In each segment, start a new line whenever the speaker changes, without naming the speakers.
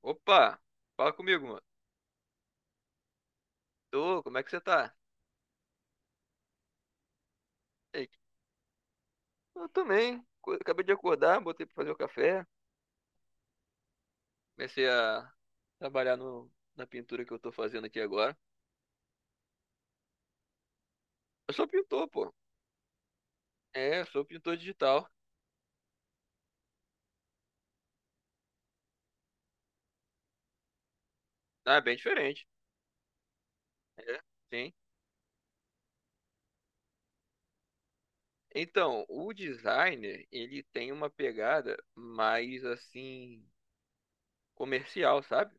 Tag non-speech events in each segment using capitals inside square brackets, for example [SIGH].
Opa, fala comigo, mano. Tô, como é que você tá? Ei, eu também. Acabei de acordar, botei pra fazer o café. Comecei a trabalhar no, na pintura que eu tô fazendo aqui agora. Eu sou pintor, pô. É, eu sou pintor digital. Ah, é bem diferente. É, sim. Então, o designer, ele tem uma pegada mais assim comercial, sabe?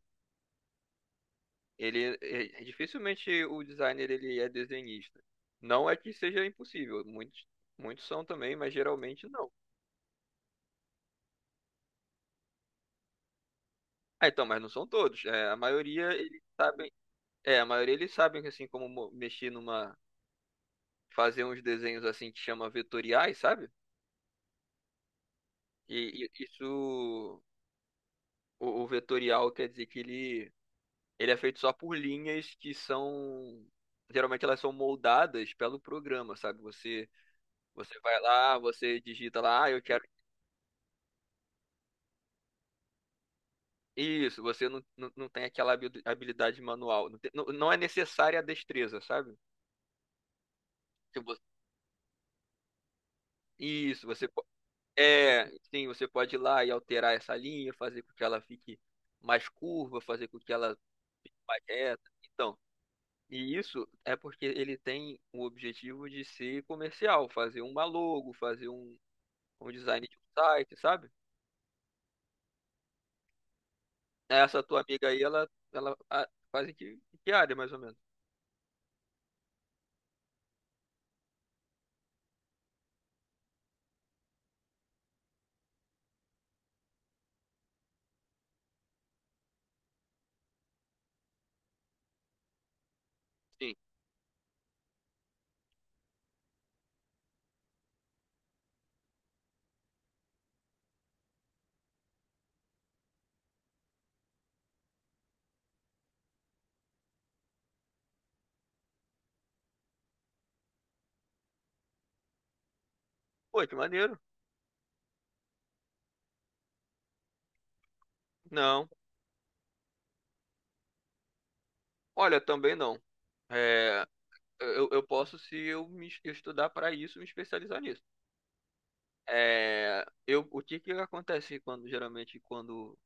É, dificilmente o designer ele é desenhista. Não é que seja impossível, muitos muitos são também, mas geralmente não. Ah, então, mas não são todos. É, a maioria eles sabem, é, a maioria eles sabem assim como mexer fazer uns desenhos assim que chama vetoriais, sabe? E isso, o vetorial quer dizer que ele é feito só por linhas que são, geralmente elas são moldadas pelo programa, sabe? Você vai lá, você digita lá, ah, eu quero isso. Você não, não tem aquela habilidade manual, não, não é necessária a destreza, sabe? Se vo- Isso, você É, Sim, você pode ir lá e alterar essa linha, fazer com que ela fique mais curva, fazer com que ela fique mais reta. Então, e isso é porque ele tem o objetivo de ser comercial, fazer uma logo, fazer um design de um site, sabe? Essa tua amiga aí, ela ah, faz em em que área, mais ou menos? Sim. Pô, que maneiro. Não. Olha, também não. É, eu posso, se eu me eu estudar para isso, me especializar nisso. É, eu, o que que acontece quando geralmente quando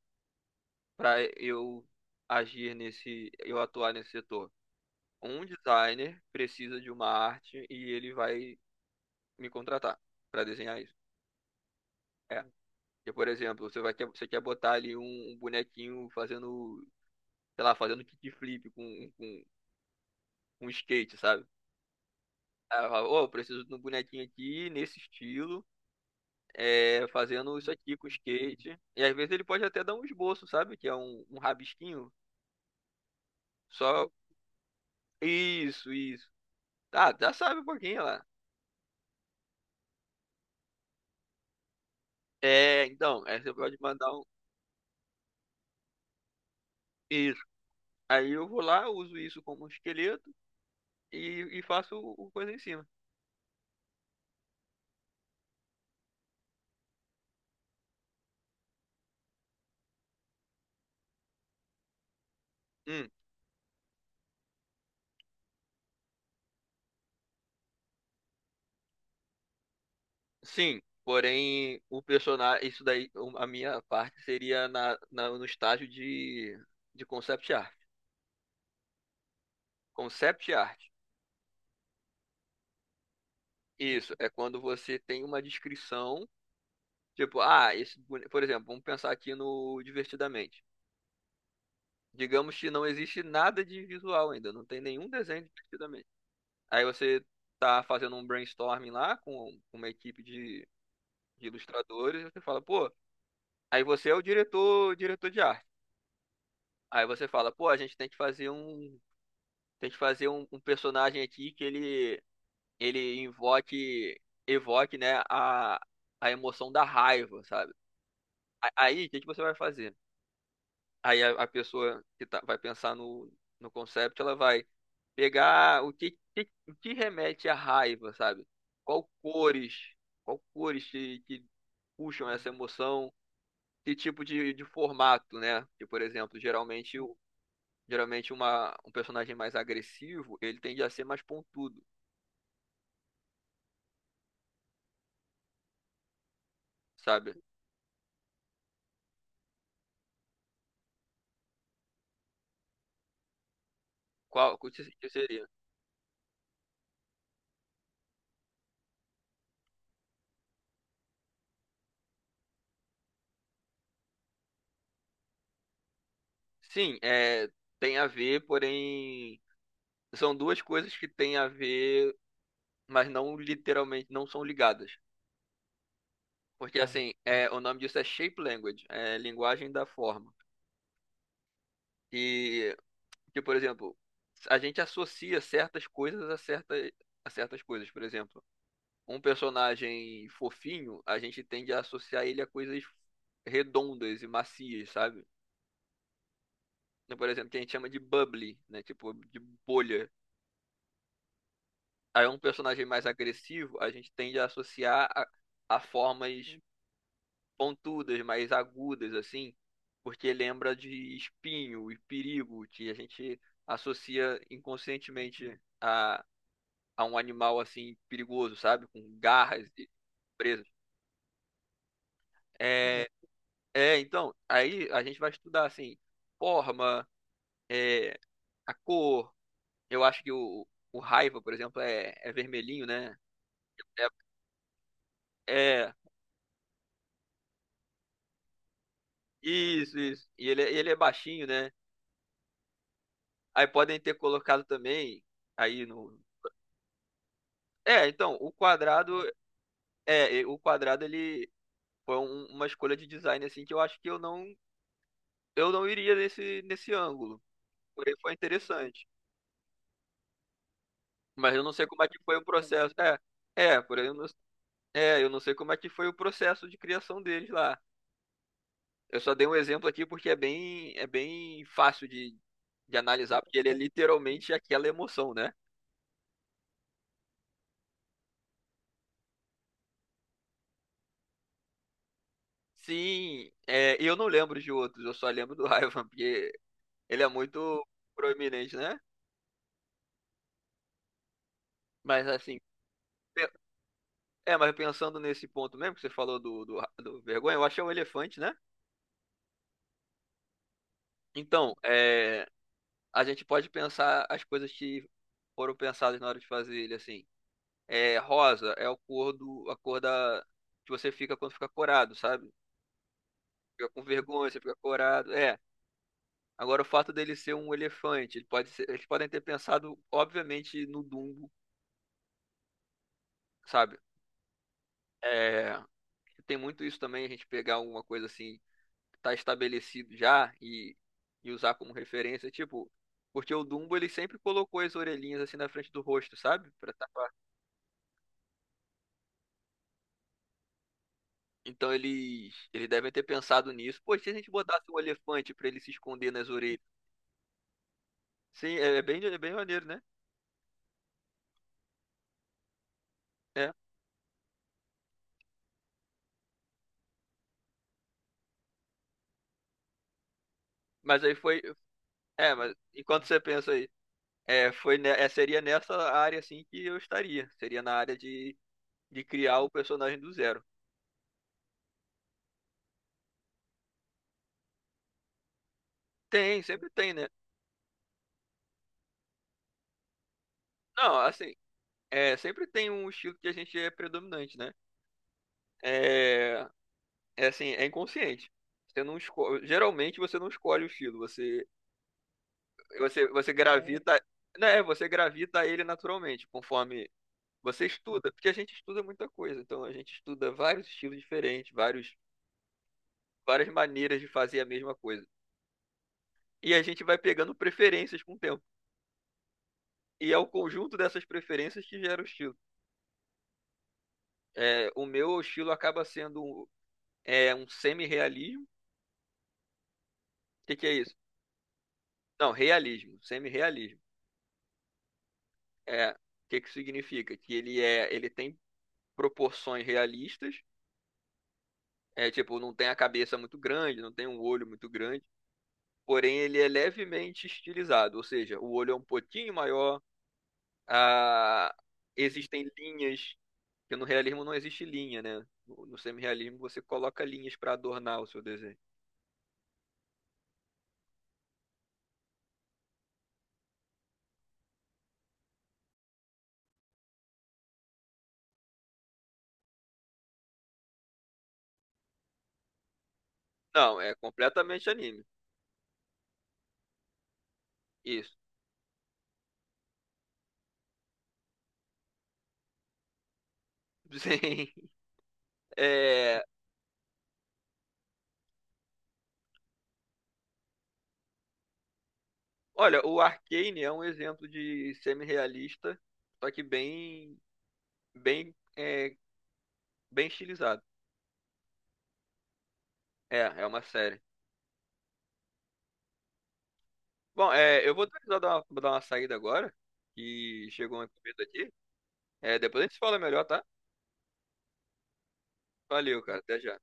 para eu agir nesse, eu atuar nesse setor? Um designer precisa de uma arte e ele vai me contratar para desenhar isso. É. Porque, por exemplo, você vai quer, você quer botar ali um bonequinho fazendo, sei lá, fazendo kickflip com skate, sabe? Aí eu falo, Ô, eu preciso de um bonequinho aqui nesse estilo, é, fazendo isso aqui com skate. E às vezes ele pode até dar um esboço, sabe? Que é um rabisquinho. Só. Isso, isso. Ah, já sabe um pouquinho lá. É, então, aí você pode mandar um. Isso. Aí eu vou lá, uso isso como um esqueleto e faço o coisa em cima. Hum, sim. Porém, o personagem. Isso daí, um, a minha parte seria no estágio de concept art. Concept art. Isso. É quando você tem uma descrição. Tipo, ah, por exemplo, vamos pensar aqui no Divertidamente. Digamos que não existe nada de visual ainda, não tem nenhum desenho divertidamente. Aí você tá fazendo um brainstorming lá com uma equipe de ilustradores, você fala, pô, aí você é o diretor, diretor de arte. Aí você fala, pô, a gente tem que fazer um, tem que fazer um personagem aqui que ele invoque, evoque, né, a emoção da raiva, sabe? Aí, o que que você vai fazer? Aí a pessoa que vai pensar no concept, ela vai pegar o o que remete à raiva, sabe? Qual cores, qual cores que puxam essa emoção, que tipo de formato, né? Que, por exemplo, geralmente uma, um personagem mais agressivo, ele tende a ser mais pontudo, sabe? Qual, o que que seria? Sim, é, tem a ver, porém, são duas coisas que têm a ver, mas não literalmente, não são ligadas. Porque assim, é, o nome disso é shape language, é linguagem da forma. E que, por exemplo, a gente associa certas coisas a certa a certas coisas. Por exemplo, um personagem fofinho, a gente tende a associar ele a coisas redondas e macias, sabe? Então, por exemplo, que a gente chama de bubbly, né? Tipo, de bolha. Aí um personagem mais agressivo, a gente tende a associar a formas pontudas, mais agudas, assim, porque lembra de espinho e perigo, que a gente associa inconscientemente a um animal, assim, perigoso, sabe? Com garras e presas. É, então, aí a gente vai estudar, assim, forma, é, a cor. Eu acho que o raiva, por exemplo, é vermelhinho, né? É, é, isso, isso. E ele, ele é baixinho, né? Aí podem ter colocado também, aí no... É, então, o quadrado. É, e o quadrado ele foi uma escolha de design assim que eu acho que eu não iria nesse nesse ângulo. Porém foi interessante, mas eu não sei como é que foi o processo. É, é, porém eu não, é, eu não sei como é que foi o processo de criação deles lá. Eu só dei um exemplo aqui porque é bem fácil de analisar porque ele é literalmente aquela emoção, né? Sim, é, e eu não lembro de outros, eu só lembro do [LAUGHS] Ivan porque ele é muito proeminente, né? Mas assim, é, mas pensando nesse ponto mesmo que você falou do vergonha, eu acho que é o elefante, né? Então, é, a gente pode pensar as coisas que foram pensadas na hora de fazer ele, assim. É, rosa é o cor do, a cor da, que você fica quando fica corado, sabe? Fica com vergonha, você fica corado. É. Agora, o fato dele ser um elefante, eles podem ter pensado, obviamente, no Dumbo, sabe? É, tem muito isso também, a gente pegar alguma coisa assim tá estabelecido já e usar como referência, tipo, porque o Dumbo ele sempre colocou as orelhinhas assim na frente do rosto, sabe? Pra tapar. Então eles eles devem ter pensado nisso. Pô, se a gente botasse um elefante pra ele se esconder nas orelhas. Sim, é, é bem maneiro, né? É. Mas aí foi, é, mas enquanto você pensa aí, é, foi é, seria nessa área assim que eu estaria. Seria na área de criar o personagem do zero. Tem, sempre tem, né? Não, assim, é, sempre tem um estilo que a gente é predominante, né? É, é assim, é inconsciente. Você não geralmente você não escolhe o estilo, você É, gravita, né, você gravita a ele naturalmente, conforme você estuda, porque a gente estuda muita coisa, então a gente estuda vários estilos diferentes, vários várias maneiras de fazer a mesma coisa. E a gente vai pegando preferências com o tempo. E é o conjunto dessas preferências que gera o estilo. É, o meu estilo acaba sendo é um semi-realismo. O que que é isso? Não, realismo, semi-realismo. É, o que que significa? Que ele é, ele tem proporções realistas, é tipo, não tem a cabeça muito grande, não tem um olho muito grande, porém ele é levemente estilizado, ou seja, o olho é um pouquinho maior, a, existem linhas, que no realismo não existe linha, né? No semi-realismo você coloca linhas para adornar o seu desenho. Não, é completamente anime. Isso. [LAUGHS] Sim. É, olha, o Arcane é um exemplo de semi-realista, só que bem bem, é, bem estilizado. É, é uma série. Bom, é, eu vou precisar dar uma, vou dar uma saída agora, que chegou uma encomenda aqui. É, depois a gente se fala melhor, tá? Valeu, cara. Até já.